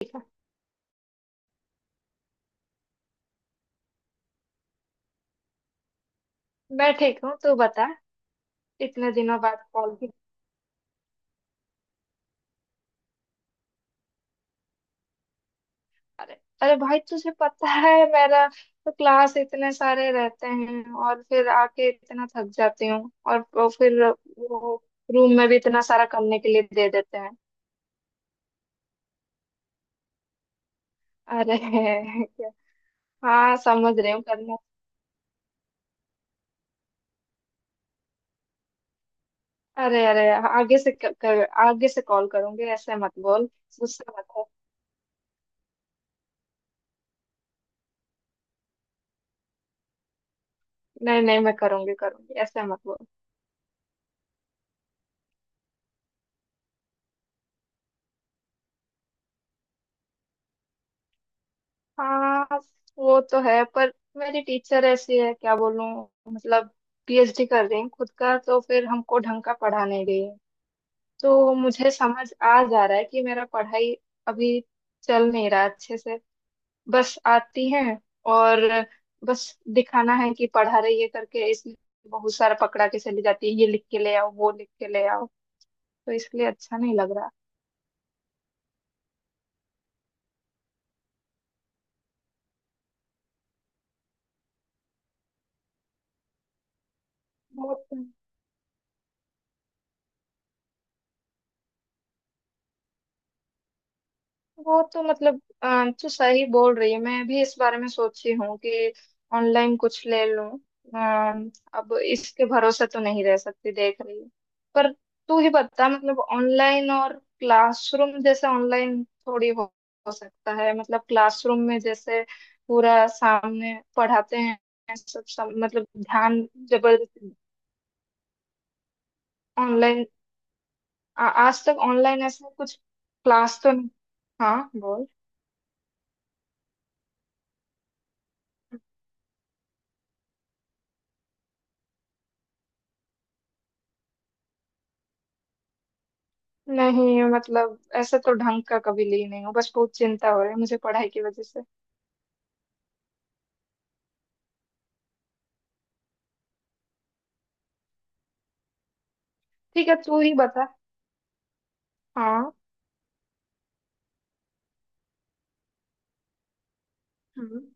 ठीक है। मैं ठीक हूँ, तू बता। इतने दिनों बाद कॉल भी। बता रहे। अरे भाई, तुझे पता है मेरा तो क्लास इतने सारे रहते हैं और फिर आके इतना थक जाती हूँ। और वो फिर वो रूम में भी इतना सारा करने के लिए दे देते हैं। अरे क्या। हाँ समझ रही हूँ करना। अरे अरे, आगे से कर, आगे से कॉल करूंगी, ऐसे मत बोल। गुस्सा मत हो। नहीं नहीं मैं करूंगी करूंगी, ऐसे मत बोल। हाँ। वो तो है पर मेरी टीचर ऐसी है, क्या बोलूं। मतलब पीएचडी कर रही हैं खुद का, तो फिर हमको ढंग का पढ़ाने गई है। तो मुझे समझ आ जा रहा है कि मेरा पढ़ाई अभी चल नहीं रहा अच्छे से। बस आती है और बस दिखाना है कि पढ़ा रही है करके, इसलिए बहुत सारा पकड़ा के चली जाती है, ये लिख के ले आओ, वो लिख के ले आओ। तो इसलिए अच्छा नहीं लग रहा। बहुत। वो तो मतलब तो सही बोल रही है, मैं भी इस बारे में सोची हूँ कि ऑनलाइन कुछ ले लूं। अ, अब इसके भरोसे तो नहीं रह सकती, देख रही हूँ। पर तू ही बता मतलब ऑनलाइन और क्लासरूम, जैसे ऑनलाइन थोड़ी हो सकता है मतलब क्लासरूम में जैसे पूरा सामने पढ़ाते हैं। सब, सब मतलब ध्यान जबरदस्ती। ऑनलाइन आज तक ऑनलाइन ऐसा कुछ क्लास तो नहीं। हाँ बोल। नहीं मतलब ऐसे तो ढंग का कभी ली नहीं हूँ, बस बहुत चिंता हो रही है मुझे पढ़ाई की वजह से। ठीक है तू ही बता। हाँ। हम्म।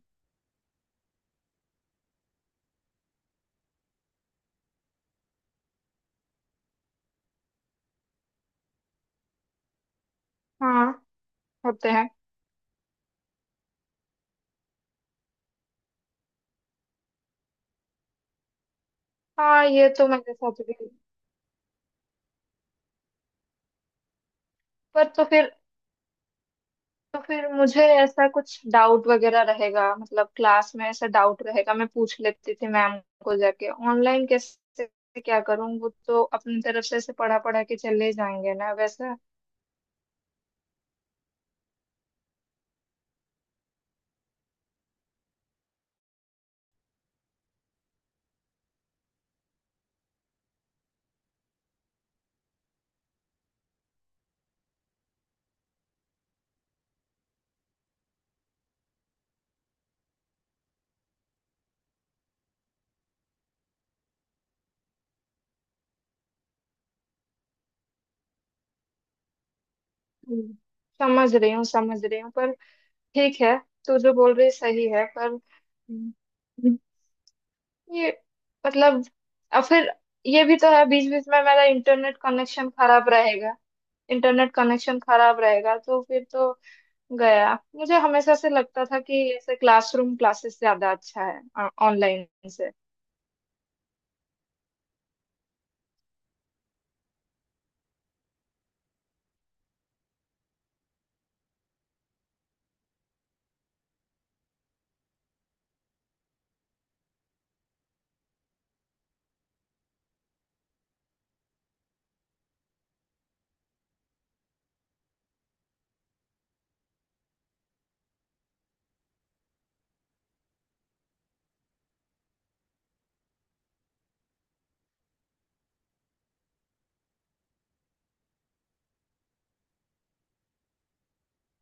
हाँ होते हैं। हाँ ये तो मेरे साथ भी। पर तो फिर, तो फिर मुझे ऐसा कुछ डाउट वगैरह रहेगा मतलब, क्लास में ऐसा डाउट रहेगा मैं पूछ लेती थी मैम को जाके, ऑनलाइन कैसे क्या करूँ, वो तो अपनी तरफ से ऐसे पढ़ा पढ़ा के चले जाएंगे ना वैसा। हम्म। समझ रही हूँ पर ठीक है, तू जो बोल रही सही है पर ये मतलब और फिर ये भी तो है, बीच बीच में मेरा इंटरनेट कनेक्शन खराब रहेगा। इंटरनेट कनेक्शन खराब रहेगा तो फिर तो गया। मुझे हमेशा से लगता था कि ऐसे क्लासरूम क्लासेस ज्यादा अच्छा है ऑनलाइन से।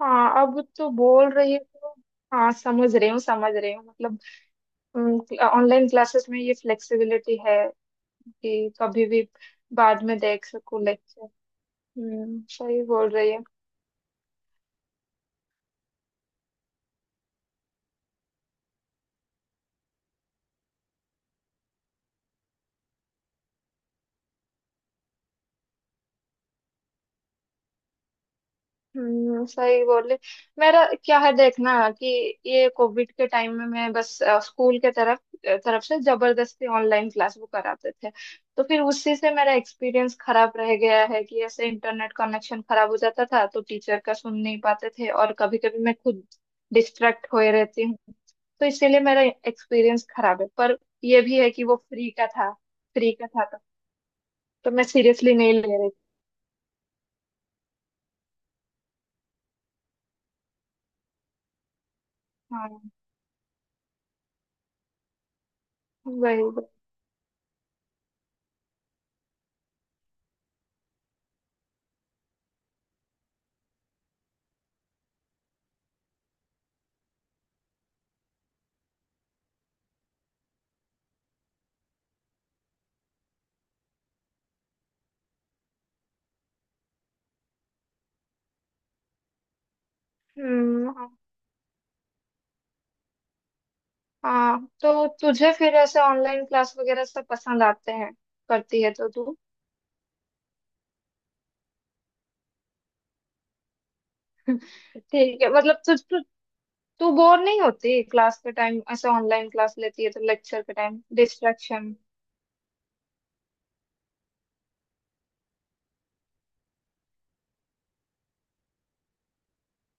हाँ अब तो बोल रही है तो, हाँ समझ रही हूँ मतलब, ऑनलाइन क्लासेस में ये फ्लेक्सिबिलिटी है कि कभी भी बाद में देख सकूँ। सही बोल रही है। सही बोल रही। मेरा क्या है, देखना कि ये कोविड के टाइम में मैं बस स्कूल के तरफ तरफ से जबरदस्ती ऑनलाइन क्लास वो कराते थे। तो फिर उसी से मेरा एक्सपीरियंस खराब रह गया है कि ऐसे इंटरनेट कनेक्शन खराब हो जाता था तो टीचर का सुन नहीं पाते थे, और कभी कभी मैं खुद डिस्ट्रैक्ट होए रहती हूँ। तो इसीलिए मेरा एक्सपीरियंस खराब है पर ये भी है कि वो फ्री का था। फ्री का था तो मैं सीरियसली नहीं ले रही थी। हाँ। वही वही। हाँ। हाँ, तो तुझे फिर ऐसे ऑनलाइन क्लास वगैरह सब पसंद आते हैं? करती है तो तू? ठीक है मतलब तू बोर नहीं होती क्लास के टाइम? ऐसे ऑनलाइन क्लास लेती है तो लेक्चर के टाइम डिस्ट्रैक्शन?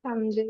समझे।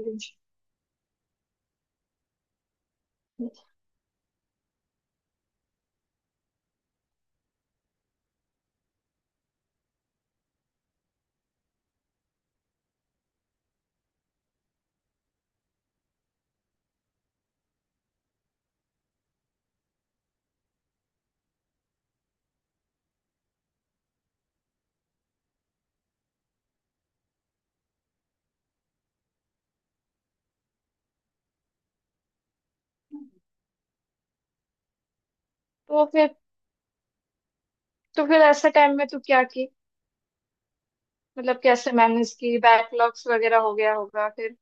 तो फिर, तो फिर ऐसे टाइम में तू क्या की? मतलब कैसे मैनेज की, बैकलॉग्स वगैरह हो गया होगा फिर?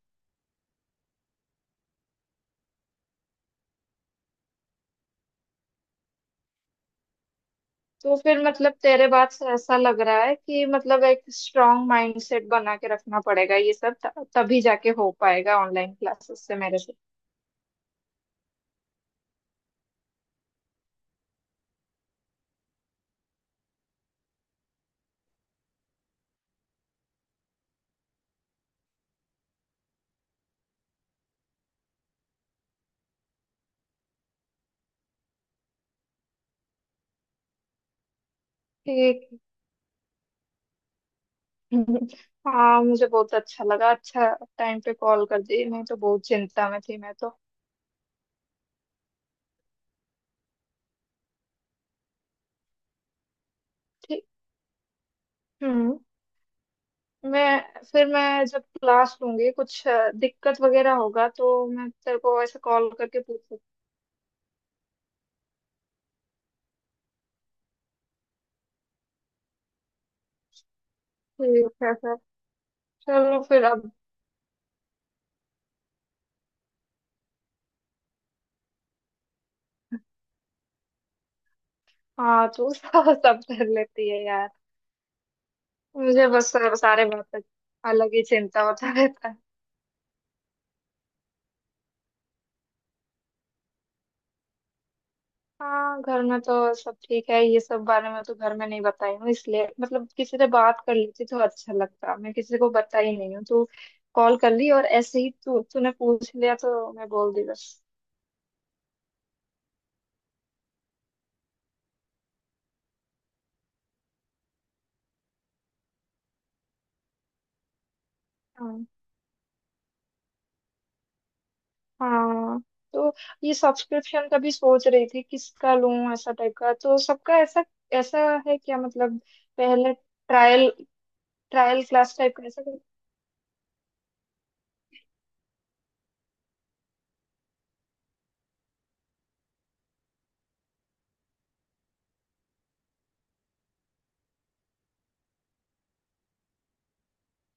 तो फिर मतलब तेरे बात से ऐसा लग रहा है कि मतलब एक स्ट्रांग माइंडसेट बना के रखना पड़ेगा ये सब, तभी जाके हो पाएगा ऑनलाइन क्लासेस से मेरे से। ठीक। हाँ मुझे बहुत अच्छा लगा, अच्छा टाइम पे कॉल कर दी नहीं तो बहुत चिंता में थी मैं तो। ठीक। हम्म। मैं फिर, मैं जब क्लास लूंगी कुछ दिक्कत वगैरह होगा तो मैं तेरे को ऐसे कॉल करके पूछ सकती हूँ। ठीक है सर। चलो फिर अब। हाँ तू सब सब कर लेती है यार। मुझे बस सारे सारे बात तक अलग ही चिंता होता रहता है। हाँ घर में तो सब ठीक है, ये सब बारे में तो घर में नहीं बताई हूँ इसलिए, मतलब किसी से बात कर लेती तो अच्छा लगता, मैं किसी को बताई नहीं हूँ, तू कॉल कर ली और ऐसे ही तू तूने पूछ लिया तो मैं बोल दी बस। हाँ हाँ तो ये सब्सक्रिप्शन का भी सोच रही थी किसका लूं, ऐसा टाइप का तो सबका ऐसा ऐसा है क्या मतलब, पहले ट्रायल, ट्रायल क्लास टाइप का ऐसा कुछ?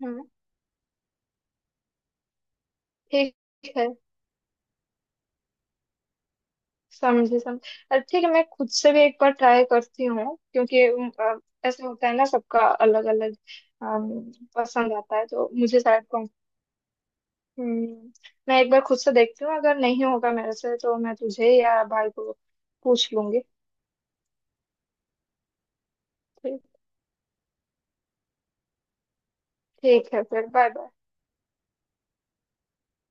हाँ ठीक है। समझे समझ। अरे ठीक है मैं खुद से भी एक बार ट्राई करती हूँ क्योंकि ऐसा होता है ना सबका, अलग अलग पसंद आता है तो मुझे शायद कौन। हम्म। मैं एक बार खुद से देखती हूँ, अगर नहीं होगा मेरे से तो मैं तुझे या भाई को पूछ लूंगी। ठीक। ठीक है फिर, बाय बाय।